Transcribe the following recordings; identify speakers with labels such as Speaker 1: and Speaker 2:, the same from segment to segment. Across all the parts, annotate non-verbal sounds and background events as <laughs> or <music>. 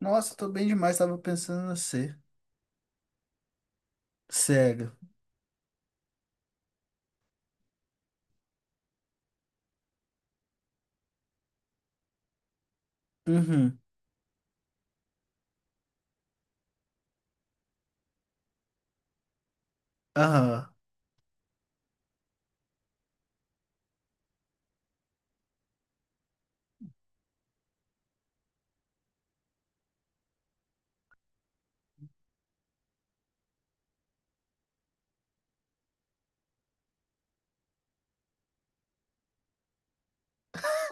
Speaker 1: Nossa, tô bem demais, tava pensando em você. Cego. Uhum. Aham.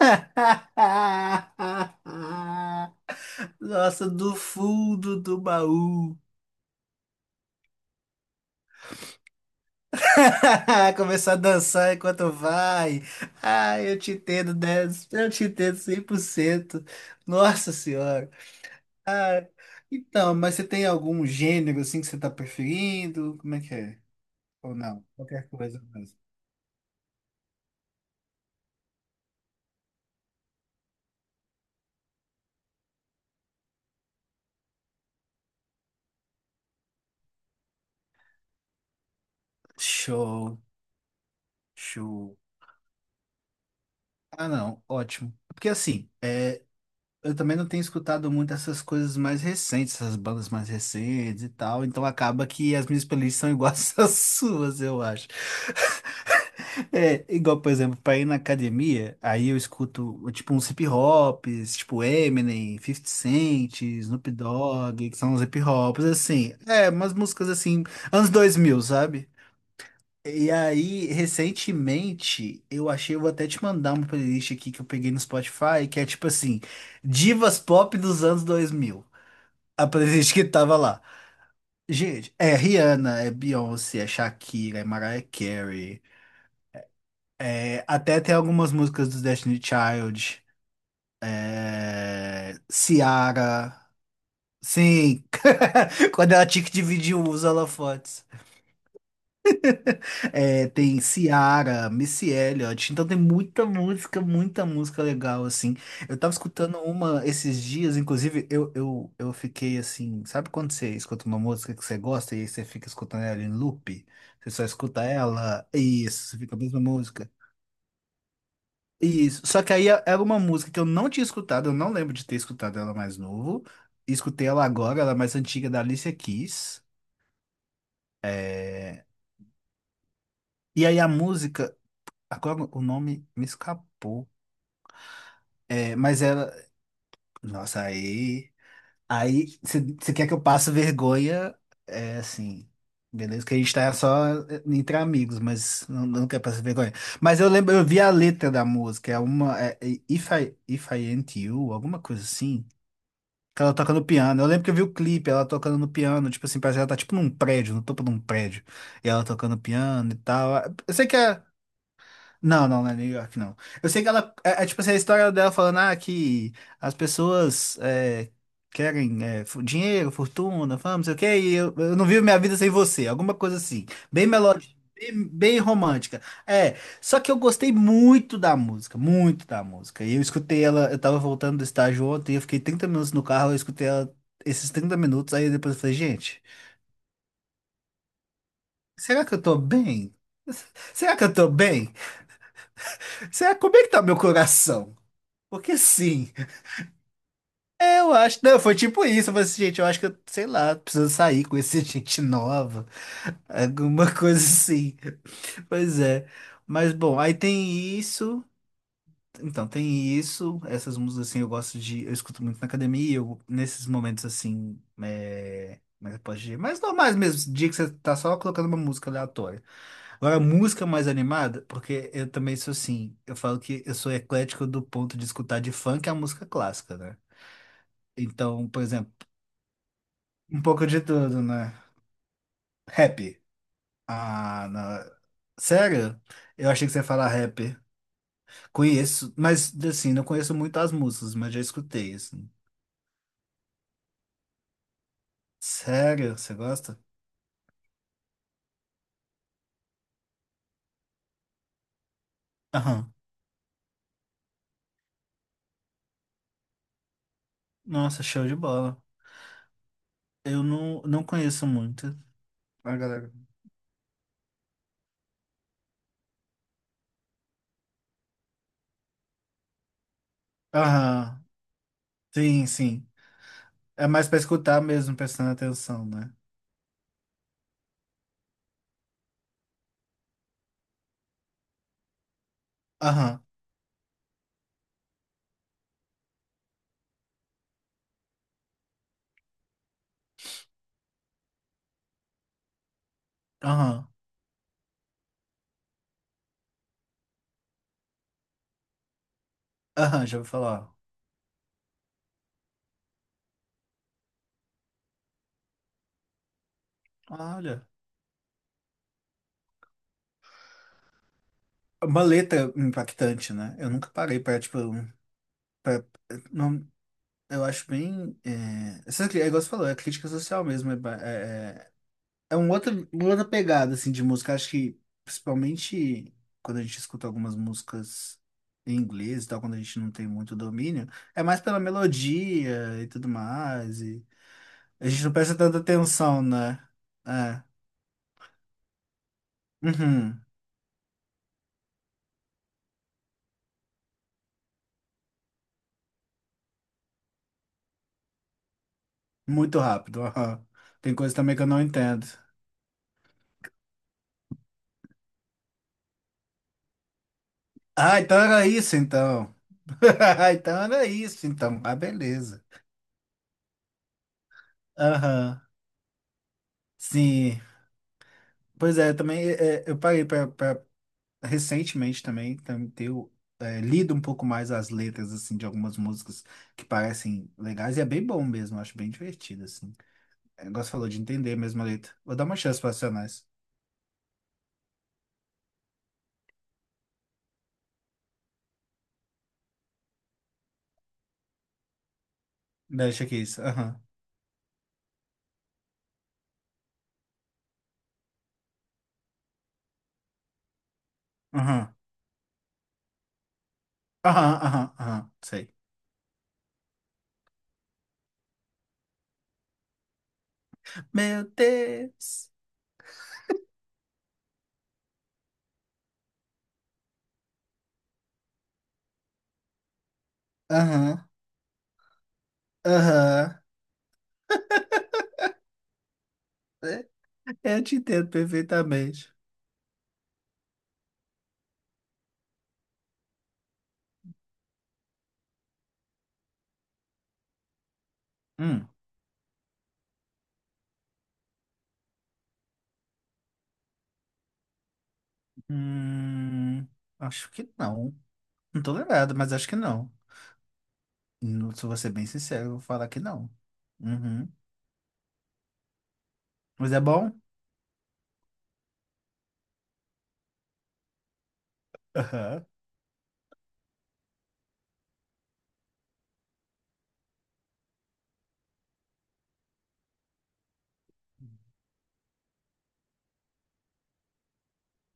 Speaker 1: <laughs> Nossa, do fundo do baú. <laughs> Começar a dançar enquanto vai. Ah, eu te entendo 10, eu te entendo 100%. Nossa senhora. Ah, então, mas você tem algum gênero assim que você tá preferindo? Como é que é? Ou não? Qualquer coisa mesmo. Show, show. Ah, não, ótimo. Porque assim, eu também não tenho escutado muito essas coisas mais recentes, essas bandas mais recentes e tal, então acaba que as minhas playlists são iguais <laughs> às suas, eu acho. É, igual, por exemplo, pra ir na academia, aí eu escuto tipo uns hip hops, tipo Eminem, Fifty Cent, Snoop Dogg, que são uns hip hops, assim, umas músicas assim, anos 2000, sabe? E aí, recentemente, eu achei, eu vou até te mandar uma playlist aqui que eu peguei no Spotify, que é tipo assim, divas pop dos anos 2000. A playlist que tava lá. Gente, é Rihanna, é Beyoncé, é Shakira, é Mariah Carey. Até tem algumas músicas dos Destiny Child. É, Ciara. Sim. <laughs> Quando ela tinha que dividir o uso, ela. É, tem Ciara, Missy Elliott, então tem muita música legal, assim. Eu tava escutando uma esses dias, inclusive, eu fiquei assim, sabe quando você escuta uma música que você gosta e aí você fica escutando ela em loop? Você só escuta ela, isso, você fica a mesma música. Isso, só que aí era uma música que eu não tinha escutado, eu não lembro de ter escutado ela mais novo. Escutei ela agora, ela é mais antiga da Alicia Keys. É, e aí a música, agora o nome me escapou. É, mas ela. Nossa, aí. Aí você quer que eu passe vergonha? É assim. Beleza, que a gente tá só entre amigos, mas não, não quer passar vergonha. Mas eu lembro, eu vi a letra da música, é uma. É If I Ain't You, alguma coisa assim. Que ela toca no piano. Eu lembro que eu vi o clipe, ela tocando no piano, tipo assim, parece que ela tá tipo num prédio, no topo de um prédio. E ela tocando piano e tal. Eu sei que é. Não, não, não é New York, não. Eu sei que ela. É tipo assim, a história dela falando ah, que as pessoas querem dinheiro, fortuna, fama, não sei o quê, e eu não vivo minha vida sem você. Alguma coisa assim. Bem melódica, bem romântica. É, só que eu gostei muito da música, muito da música. E eu escutei ela, eu tava voltando do estágio ontem, eu fiquei 30 minutos no carro, eu escutei ela esses 30 minutos, aí depois eu falei, gente, será que eu tô bem? Será que eu tô bem? Será, como é que tá meu coração? Porque sim. É, eu acho. Não, foi tipo isso. Eu falei assim, gente, eu acho que eu, sei lá, preciso sair, conhecer <laughs> gente nova. Alguma coisa assim. Pois é. Mas bom, aí tem isso. Então, tem isso. Essas músicas assim eu gosto de. Eu escuto muito na academia. Eu, nesses momentos assim. Mas pode dizer, mas normais mesmo, dia que você tá só colocando uma música aleatória. Agora, música mais animada, porque eu também sou assim, eu falo que eu sou eclético do ponto de escutar de funk a música clássica, né? Então, por exemplo, um pouco de tudo, né? Rap. Ah, não. Sério? Eu achei que você ia falar rap. Conheço, mas assim, não conheço muito as músicas, mas já escutei, assim. Sério? Você gosta? Aham. Nossa, show de bola. Eu não, não conheço muito a galera. Aham. Sim, sim. É mais pra escutar mesmo, prestando atenção, né? Aham. Aham. Aham, já ouvi falar. Olha. Uma letra impactante, né? Eu nunca parei pra, tipo, pra, não, eu acho bem. É, essa, é igual você falou, é crítica social mesmo. É, é um outro, uma outra pegada assim, de música. Acho que, principalmente quando a gente escuta algumas músicas em inglês e tal, quando a gente não tem muito domínio, é mais pela melodia e tudo mais. E a gente não presta tanta atenção, né? É. Uhum. Muito rápido. <laughs> Aham. Tem coisa também que eu não entendo. Ah, então era isso então. <laughs> Ah, então era isso então. Ah, beleza. Aham. Sim. Pois é, também eu parei recentemente também, ter lido um pouco mais as letras assim de algumas músicas que parecem legais e é bem bom mesmo, eu acho bem divertido assim. É, igual você falou de entender mesmo a letra. Vou dar uma chance para Racionais. Deixa que isso. Aham. Aham. Aham, aham, aham. Sei. Meu Deus. Aham. Aham. É, eu te entendo perfeitamente. Hum. Hum. Acho que não. Não tô lembrado, mas acho que não. Não, se eu vou ser bem sincero, eu vou falar que não. Uhum. Mas é bom? Aham.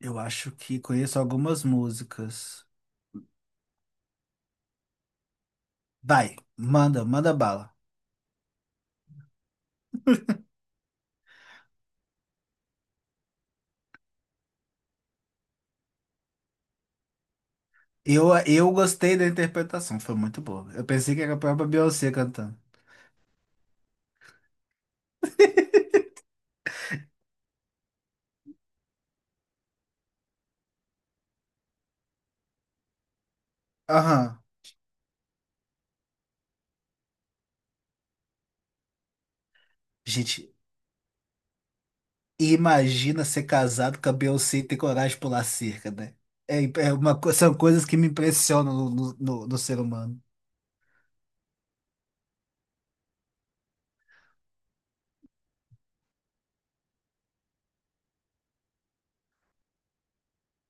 Speaker 1: Eu acho que conheço algumas músicas. Vai, manda, manda bala. Eu gostei da interpretação, foi muito boa. Eu pensei que era a própria Beyoncé cantando. Aham. Gente, imagina ser casado com a Beyoncé e ter coragem de pular cerca, né? É uma, são coisas que me impressionam no ser humano.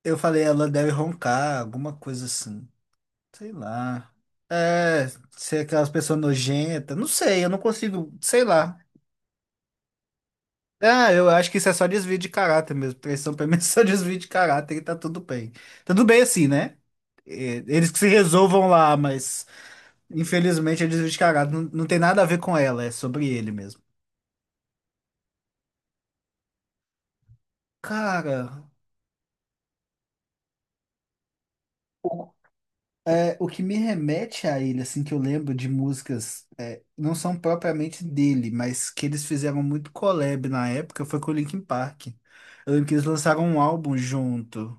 Speaker 1: Eu falei, ela deve roncar, alguma coisa assim. Sei lá. É, ser aquelas pessoas nojentas. Não sei, eu não consigo, sei lá. Ah, eu acho que isso é só desvio de caráter mesmo. Traição pra mim é só <laughs> desvio de caráter e tá tudo bem. Tá Tudo bem assim, né? É, eles que se resolvam lá, mas infelizmente é desvio de caráter. Não, não tem nada a ver com ela, é sobre ele mesmo. Cara. É, o que me remete a ele, assim, que eu lembro de músicas, não são propriamente dele, mas que eles fizeram muito collab na época, foi com o Linkin Park. Eu lembro que eles lançaram um álbum junto.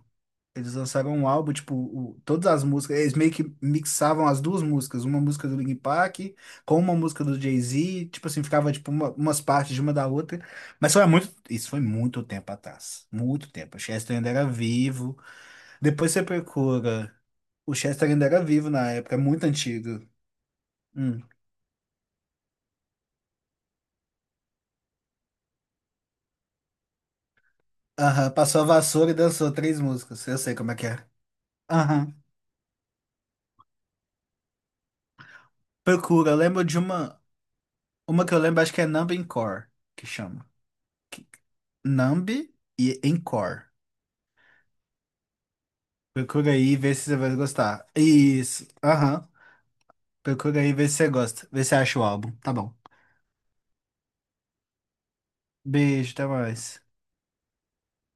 Speaker 1: Eles lançaram um álbum, tipo, todas as músicas, eles meio que mixavam as duas músicas, uma música do Linkin Park com uma música do Jay-Z, tipo assim, ficava tipo umas partes de uma da outra. Mas foi há muito, isso foi muito tempo atrás, muito tempo. O Chester ainda era vivo. Depois você procura. O Chester ainda era vivo na época, é muito antigo. Hum. Aham, passou a vassoura e dançou três músicas. Eu sei como é que é. Aham. Procura, eu lembro de uma. Uma que eu lembro, acho que é Numb Encore, que chama. Que- Numb e Encore. Procura aí e vê se você vai gostar. Isso. Aham. Procura aí e vê se você gosta. Vê se acha o álbum. Tá bom. Beijo, até mais.